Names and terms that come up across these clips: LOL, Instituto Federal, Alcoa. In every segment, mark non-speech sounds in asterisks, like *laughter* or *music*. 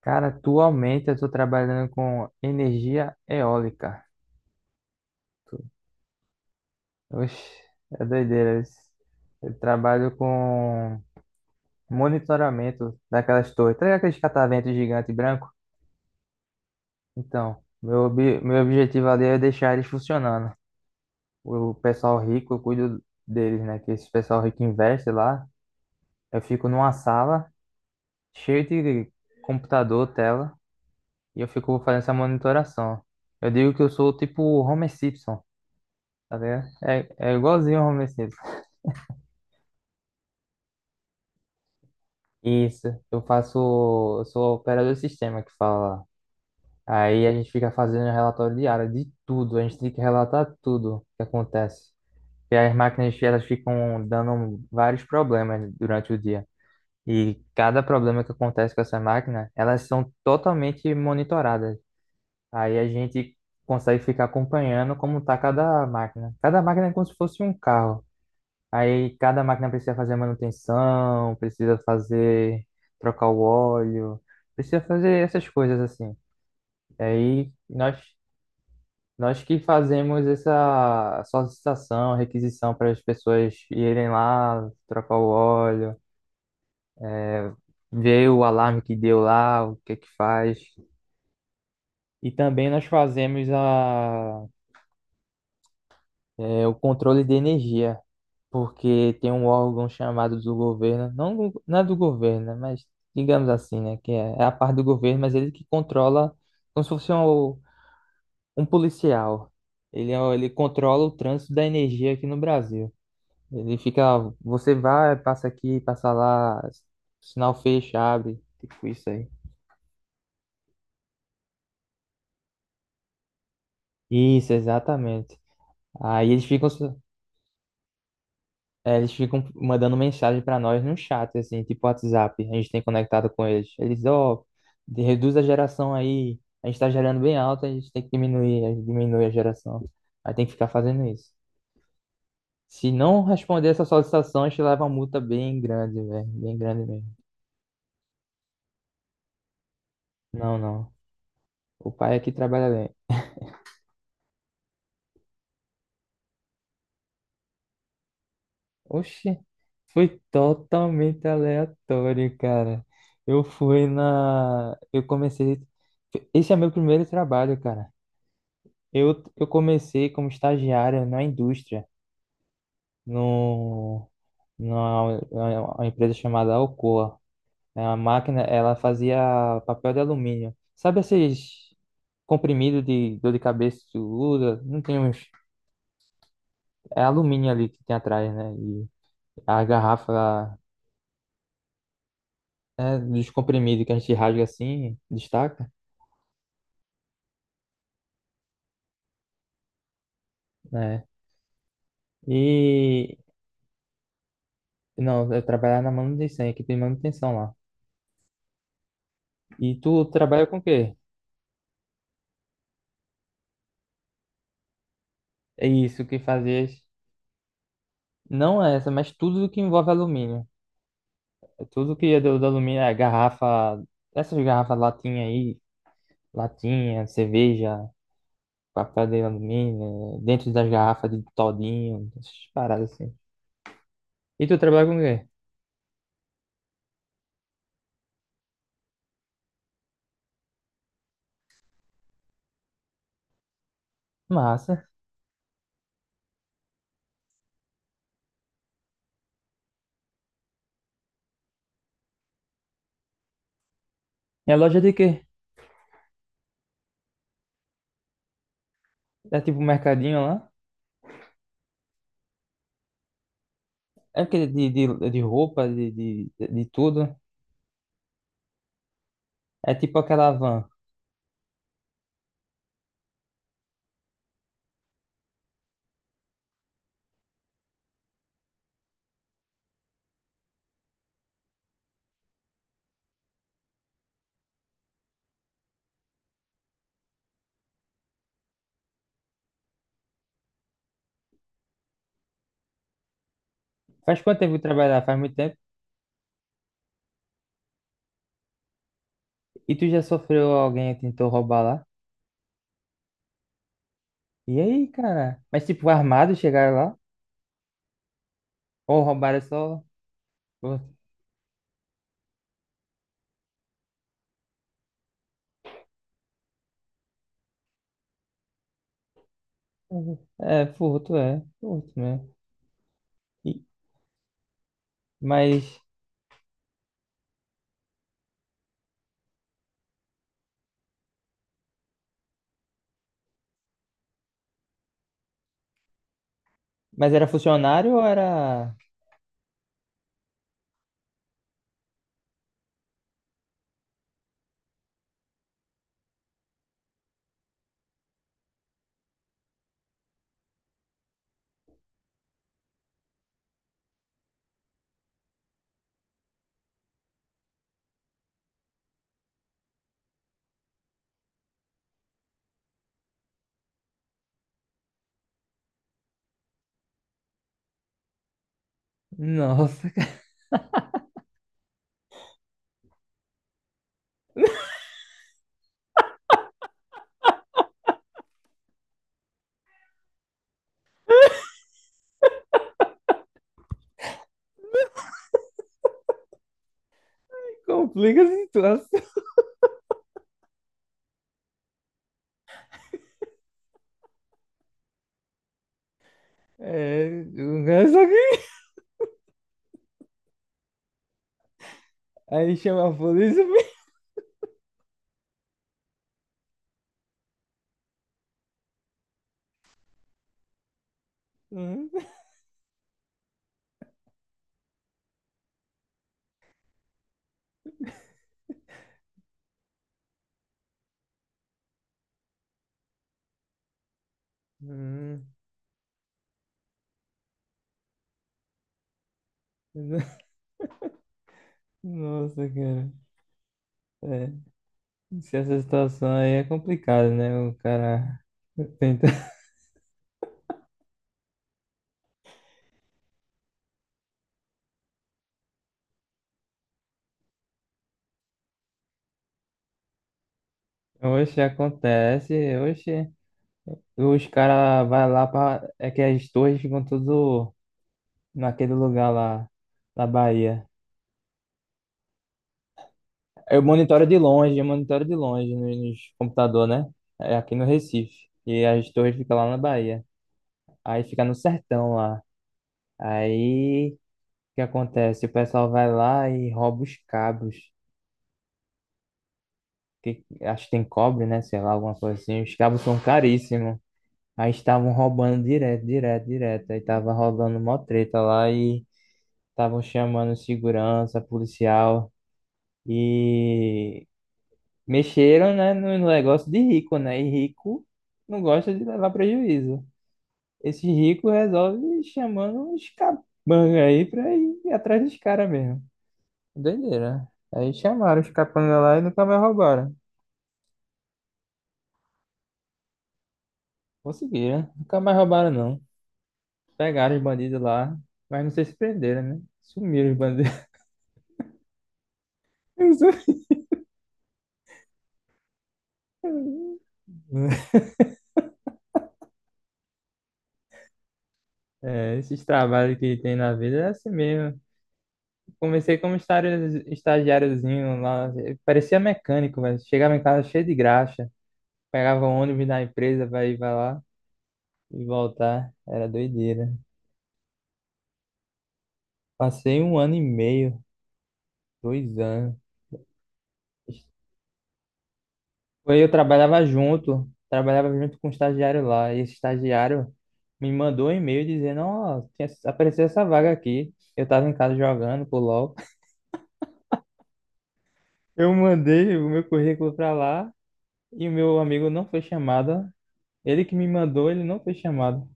Cara, atualmente eu tô trabalhando com energia eólica. Oxe, é doideira isso. Eu trabalho com monitoramento daquelas torres. Tá ligado aqueles cataventos gigante branco? Então, meu, meu objetivo ali é deixar eles funcionando. O pessoal rico, eu cuido deles, né? Que esse pessoal rico investe lá. Eu fico numa sala cheia de computador, tela, e eu fico fazendo essa monitoração. Eu digo que eu sou tipo o Homer Simpson, tá ligado? É igualzinho o home sexy. Isso, eu faço, eu sou operador de sistema que fala. Aí a gente fica fazendo relatório diário de tudo, a gente tem que relatar tudo que acontece. E as máquinas, elas ficam dando vários problemas durante o dia. E cada problema que acontece com essa máquina, elas são totalmente monitoradas. Aí a gente consegue ficar acompanhando como tá cada máquina. Cada máquina é como se fosse um carro. Aí cada máquina precisa fazer manutenção, precisa fazer trocar o óleo, precisa fazer essas coisas assim. Aí nós que fazemos essa solicitação, requisição para as pessoas irem lá trocar o óleo, é, ver o alarme que deu lá, o que é que faz. E também nós fazemos o controle de energia. Porque tem um órgão chamado do governo, não, não é do governo, né, mas digamos assim, né, que é a parte do governo, mas ele que controla, como se fosse um policial. Ele controla o trânsito da energia aqui no Brasil. Ele fica, ó, você vai, passa aqui, passa lá, sinal fecha, abre, tipo isso aí. Isso, exatamente. Aí eles ficam. É, eles ficam mandando mensagem pra nós no chat, assim, tipo WhatsApp. A gente tem conectado com eles. Eles, ó, reduz a geração aí. A gente tá gerando bem alto, a gente tem que diminuir, a gente diminui a geração. Aí tem que ficar fazendo isso. Se não responder essa solicitação, a gente leva uma multa bem grande, velho. Bem grande mesmo. Não, não. O pai aqui trabalha bem. Oxi, foi totalmente aleatório, cara. Eu fui na. Eu comecei. Esse é meu primeiro trabalho, cara. Eu comecei como estagiário na indústria, no, numa, uma empresa chamada Alcoa. É uma máquina, ela fazia papel de alumínio. Sabe esses comprimidos de dor de cabeça que tu usa? Não tem uns. É alumínio ali que tem atrás, né? E a garrafa é, dos comprimidos que a gente rasga assim, destaca, né? E. Não, eu trabalhava na manutenção, equipe de manutenção lá. E tu trabalha com o quê? É isso que fazias. Não é essa, mas tudo que envolve alumínio. É tudo que é do alumínio, é garrafa, essas garrafas latinha aí, latinha, cerveja, papel de alumínio, dentro das garrafas de todinho, essas paradas assim. E tu trabalha com o quê? Massa. E a loja é de quê? É tipo um mercadinho lá? É aquele de roupa, de tudo? É tipo aquela van. Faz quanto tempo que tu trabalha lá? Faz muito tempo. E tu já sofreu alguém que tentou roubar lá? E aí, cara? Mas tipo, armado chegaram lá? Ou roubaram só. Furto. É, furto, é. Furto mesmo. E- mas, mas era funcionário ou era. Nossa, *laughs* cara, complica a situação. É, o cara só que. Aí chama a polícia. *laughs* Hum, hum. Nossa, cara. É, se essa situação aí é complicada, né? O cara tenta. Oxe, acontece. Oxe, os caras vai lá pra. É que as torres ficam tudo naquele lugar lá, na Bahia. Eu monitoro de longe, eu monitoro de longe nos computador, né? É aqui no Recife. E as torres ficam lá na Bahia. Aí fica no sertão lá. Aí o que acontece? O pessoal vai lá e rouba os cabos. Que, acho que tem cobre, né? Sei lá, alguma coisa assim. Os cabos são caríssimos. Aí estavam roubando direto, direto, direto. Aí tava rolando mó treta lá e estavam chamando segurança, policial. E mexeram, né, no negócio de rico, né? E rico não gosta de levar prejuízo. Esse rico resolve chamando uns capangas aí pra ir atrás dos caras mesmo. Doideira. Aí chamaram os capangas lá e nunca mais roubaram. Conseguiram. Nunca mais roubaram, não. Pegaram os bandidos lá, mas não sei se prenderam, né? Sumiram os bandidos. *laughs* É, esses trabalhos que tem na vida é assim mesmo. Comecei como estagiáriozinho lá, parecia mecânico, velho. Chegava em casa cheio de graxa, pegava o ônibus da empresa pra ir pra lá e voltar. Era doideira. Passei um ano e meio, 2 anos. Foi, eu trabalhava junto com um estagiário lá, e esse estagiário me mandou um e-mail dizendo, ó, tinha apareceu essa vaga aqui. Eu tava em casa jogando pro LOL. *laughs* Eu mandei o meu currículo pra lá e o meu amigo não foi chamado. Ele que me mandou, ele não foi chamado.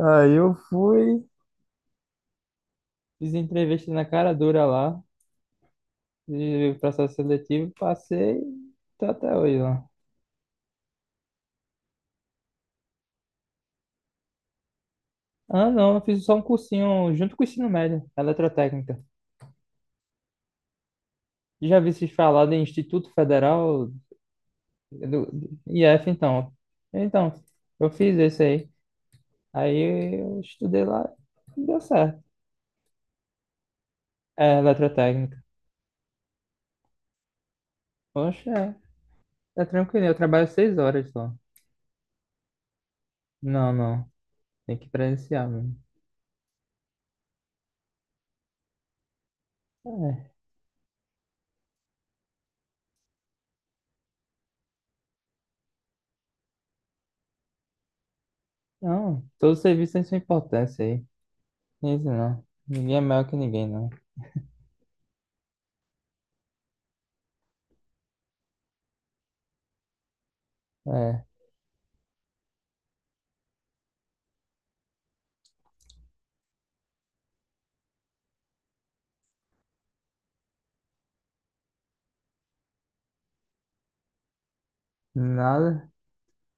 Aí eu fui, fiz entrevista na cara dura lá, de processo seletivo, passei, tô até hoje lá. Ah, não, eu fiz só um cursinho junto com o ensino médio, eletrotécnica. Já vi se falar de Instituto Federal do IF, então. Então, eu fiz esse aí. Aí eu estudei lá e deu certo. É, eletrotécnica. Poxa, é, tá tranquilo, eu trabalho 6 horas só. Não, não, tem que presenciar mesmo. Não, todo serviço tem sua importância aí. Isso não. Ninguém é melhor que ninguém, não. É, nada.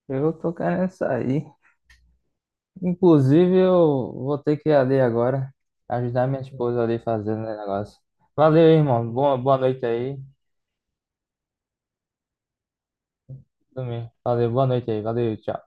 Eu tô querendo sair. Inclusive, eu vou ter que ir ali agora. Ajudar minha esposa ali fazendo o negócio. Valeu, irmão. Boa noite aí. Dormir. Valeu, boa noite aí. Valeu, tchau.